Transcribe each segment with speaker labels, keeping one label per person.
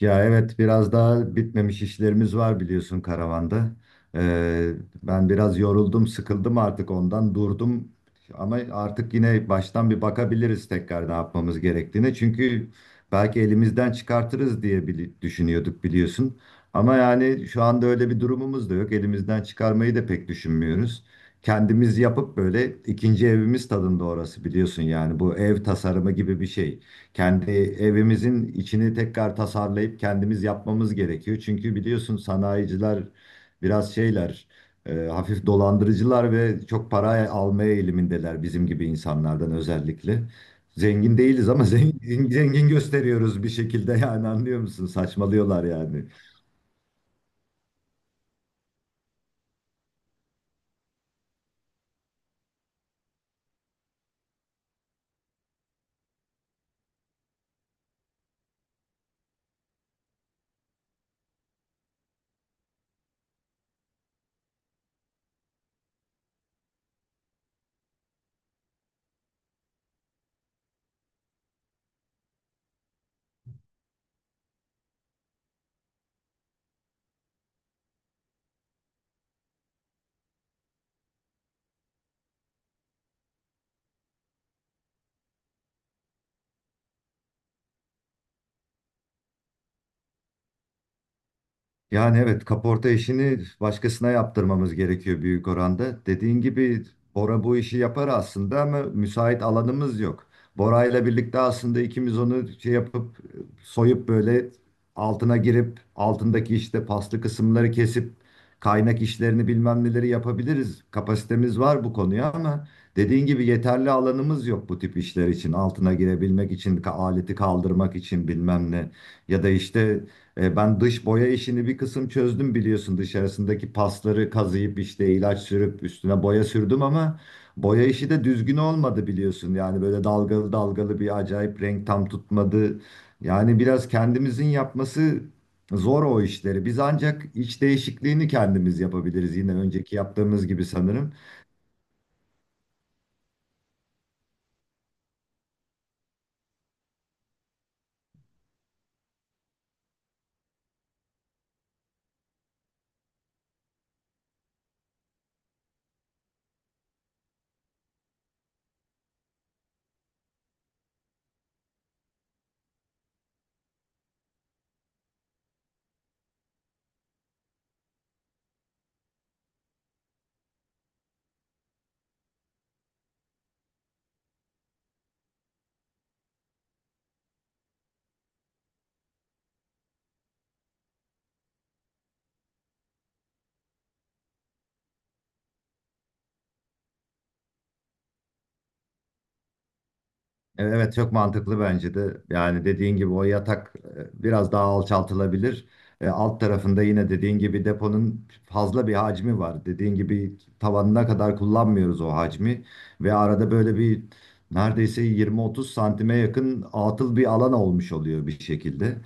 Speaker 1: Ya evet biraz daha bitmemiş işlerimiz var biliyorsun karavanda. Ee, Ben biraz yoruldum, sıkıldım artık ondan durdum. Ama artık yine baştan bir bakabiliriz tekrar ne yapmamız gerektiğine. Çünkü belki elimizden çıkartırız diye düşünüyorduk biliyorsun. Ama yani şu anda öyle bir durumumuz da yok. Elimizden çıkarmayı da pek düşünmüyoruz. Kendimiz yapıp böyle ikinci evimiz tadında orası biliyorsun yani bu ev tasarımı gibi bir şey. Kendi evimizin içini tekrar tasarlayıp kendimiz yapmamız gerekiyor. Çünkü biliyorsun sanayiciler biraz şeyler, hafif dolandırıcılar ve çok para almaya eğilimindeler bizim gibi insanlardan özellikle. Zengin değiliz ama zengin, zengin gösteriyoruz bir şekilde yani anlıyor musun? Saçmalıyorlar yani. Yani evet kaporta işini başkasına yaptırmamız gerekiyor büyük oranda. Dediğin gibi Bora bu işi yapar aslında ama müsait alanımız yok. Bora ile birlikte aslında ikimiz onu şey yapıp soyup böyle altına girip altındaki işte paslı kısımları kesip kaynak işlerini bilmem neleri yapabiliriz. Kapasitemiz var bu konuya ama dediğin gibi yeterli alanımız yok bu tip işler için. Altına girebilmek için, aleti kaldırmak için bilmem ne. Ya da işte ben dış boya işini bir kısım çözdüm biliyorsun dışarısındaki pasları kazıyıp işte ilaç sürüp üstüne boya sürdüm ama boya işi de düzgün olmadı biliyorsun yani böyle dalgalı dalgalı bir acayip renk tam tutmadı. Yani biraz kendimizin yapması zor o işleri, biz ancak iç değişikliğini kendimiz yapabiliriz yine önceki yaptığımız gibi sanırım. Evet çok mantıklı bence de. Yani dediğin gibi o yatak biraz daha alçaltılabilir. Alt tarafında yine dediğin gibi deponun fazla bir hacmi var. Dediğin gibi tavanına kadar kullanmıyoruz o hacmi. Ve arada böyle bir neredeyse 20-30 santime yakın atıl bir alan olmuş oluyor bir şekilde.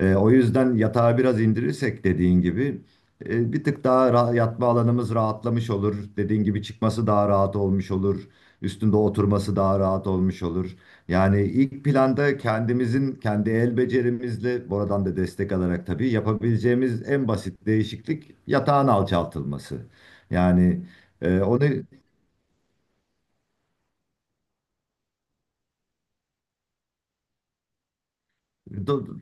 Speaker 1: O yüzden yatağı biraz indirirsek dediğin gibi bir tık daha yatma alanımız rahatlamış olur. Dediğin gibi çıkması daha rahat olmuş olur. Üstünde oturması daha rahat olmuş olur. Yani ilk planda kendimizin kendi el becerimizle buradan da destek alarak tabii yapabileceğimiz en basit değişiklik yatağın alçaltılması. Yani e, onu do-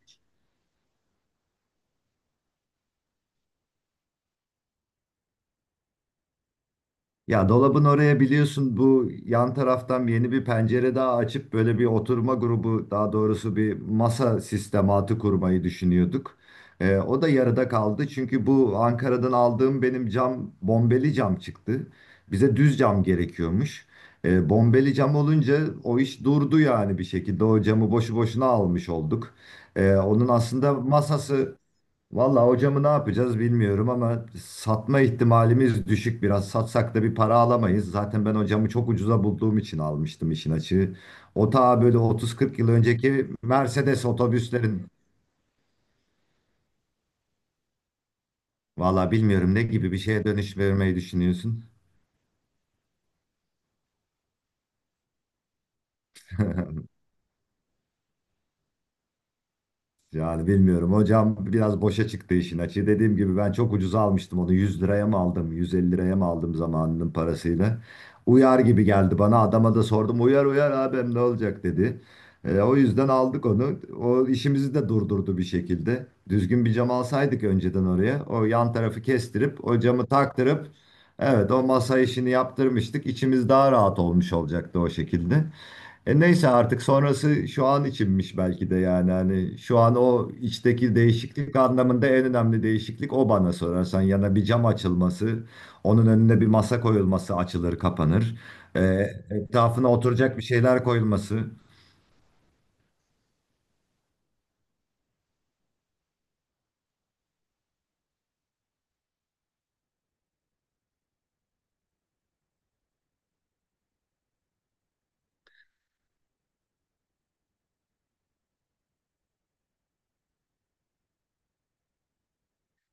Speaker 1: ya dolabın oraya biliyorsun bu yan taraftan yeni bir pencere daha açıp böyle bir oturma grubu daha doğrusu bir masa sistematı kurmayı düşünüyorduk. O da yarıda kaldı çünkü bu Ankara'dan aldığım benim cam bombeli cam çıktı. Bize düz cam gerekiyormuş. Bombeli cam olunca o iş durdu yani bir şekilde o camı boşu boşuna almış olduk. Onun aslında masası vallahi hocamı ne yapacağız bilmiyorum ama satma ihtimalimiz düşük biraz. Satsak da bir para alamayız. Zaten ben hocamı çok ucuza bulduğum için almıştım işin açığı. O ta böyle 30-40 yıl önceki Mercedes otobüslerin. Vallahi bilmiyorum ne gibi bir şeye dönüş vermeyi düşünüyorsun. Yani bilmiyorum hocam biraz boşa çıktı işin açığı. Dediğim gibi ben çok ucuza almıştım onu, 100 liraya mı aldım 150 liraya mı aldım zamanının parasıyla. Uyar gibi geldi bana, adama da sordum, uyar uyar abim ne olacak dedi. O yüzden aldık onu. O işimizi de durdurdu bir şekilde. Düzgün bir cam alsaydık önceden oraya, o yan tarafı kestirip o camı taktırıp evet o masa işini yaptırmıştık. İçimiz daha rahat olmuş olacaktı o şekilde. E neyse artık sonrası şu an içinmiş belki de, yani hani şu an o içteki değişiklik anlamında en önemli değişiklik o bana sorarsan, yana bir cam açılması, onun önüne bir masa koyulması, açılır kapanır, E, etrafına oturacak bir şeyler koyulması.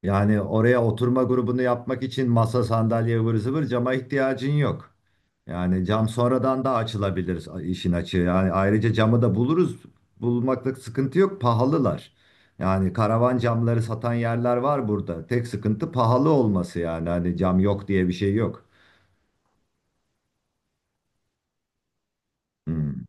Speaker 1: Yani oraya oturma grubunu yapmak için masa sandalye ıvır zıvır cama ihtiyacın yok. Yani cam sonradan da açılabilir işin açığı. Yani ayrıca camı da buluruz. Bulmakta sıkıntı yok. Pahalılar. Yani karavan camları satan yerler var burada. Tek sıkıntı pahalı olması yani. Hani cam yok diye bir şey yok. Hmm.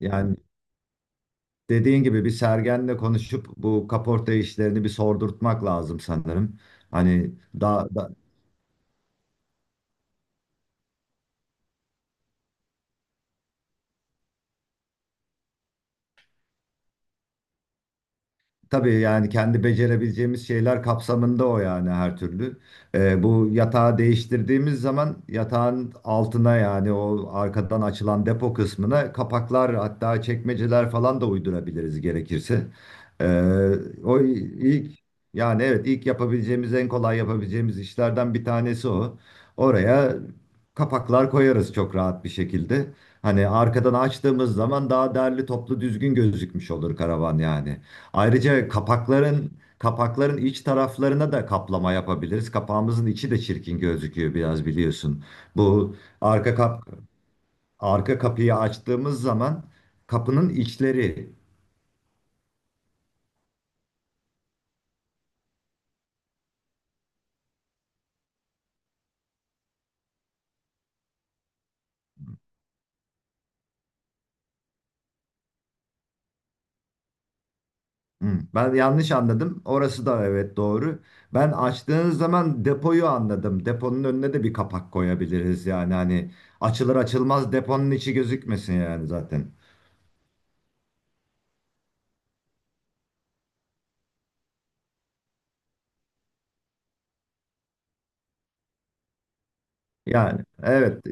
Speaker 1: Yani dediğin gibi bir Sergen'le konuşup bu kaporta işlerini bir sordurtmak lazım sanırım. Hani daha Tabii yani kendi becerebileceğimiz şeyler kapsamında o yani, her türlü. Bu yatağı değiştirdiğimiz zaman yatağın altına, yani o arkadan açılan depo kısmına, kapaklar hatta çekmeceler falan da uydurabiliriz gerekirse. Ee, o ilk Yani evet ilk yapabileceğimiz, en kolay yapabileceğimiz işlerden bir tanesi o. Oraya kapaklar koyarız çok rahat bir şekilde. Hani arkadan açtığımız zaman daha derli toplu düzgün gözükmüş olur karavan yani. Ayrıca kapakların iç taraflarına da kaplama yapabiliriz. Kapağımızın içi de çirkin gözüküyor biraz biliyorsun. Bu arka kap Arka kapıyı açtığımız zaman kapının içleri. Hmm, ben yanlış anladım. Orası da evet doğru. Ben açtığınız zaman depoyu anladım. Deponun önüne de bir kapak koyabiliriz yani, hani açılır açılmaz deponun içi gözükmesin yani zaten. Yani evet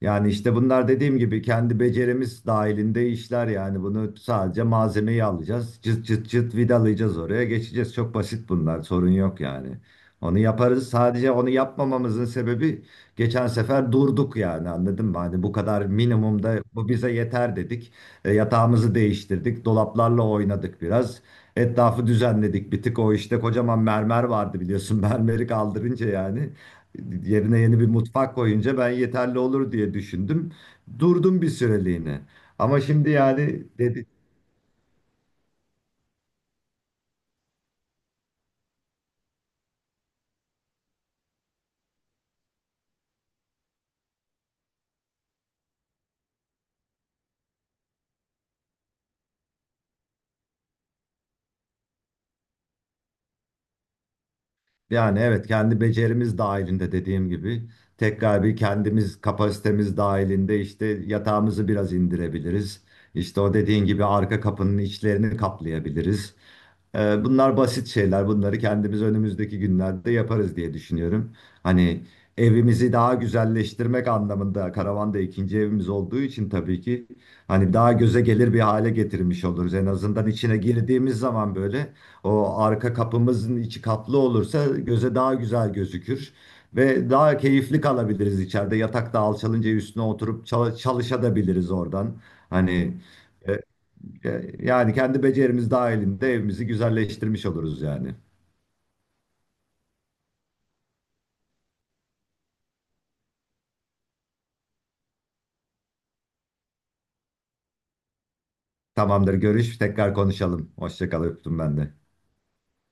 Speaker 1: Yani işte bunlar dediğim gibi kendi becerimiz dahilinde işler, yani bunu sadece malzemeyi alacağız, cıt cıt cıt vidalayacağız oraya, geçeceğiz. Çok basit bunlar, sorun yok yani. Onu yaparız, sadece onu yapmamamızın sebebi geçen sefer durduk yani anladın mı? Hani bu kadar minimumda bu bize yeter dedik. Yatağımızı değiştirdik, dolaplarla oynadık biraz. Etrafı düzenledik bir tık, o işte kocaman mermer vardı biliyorsun mermeri kaldırınca yani. Yerine yeni bir mutfak koyunca ben yeterli olur diye düşündüm. Durdum bir süreliğine. Ama şimdi yani dedi, Yani evet kendi becerimiz dahilinde dediğim gibi tekrar bir kendimiz kapasitemiz dahilinde işte yatağımızı biraz indirebiliriz. İşte o dediğin gibi arka kapının içlerini kaplayabiliriz. Bunlar basit şeyler. Bunları kendimiz önümüzdeki günlerde yaparız diye düşünüyorum. Hani evimizi daha güzelleştirmek anlamında karavan da ikinci evimiz olduğu için tabii ki hani daha göze gelir bir hale getirmiş oluruz. En azından içine girdiğimiz zaman böyle o arka kapımızın içi kaplı olursa göze daha güzel gözükür ve daha keyifli kalabiliriz içeride. Yatakta alçalınca üstüne oturup çalışabiliriz oradan. Hani e, Yani kendi becerimiz dahilinde evimizi güzelleştirmiş oluruz yani. Tamamdır, görüş, tekrar konuşalım. Hoşça kal, öptüm ben de.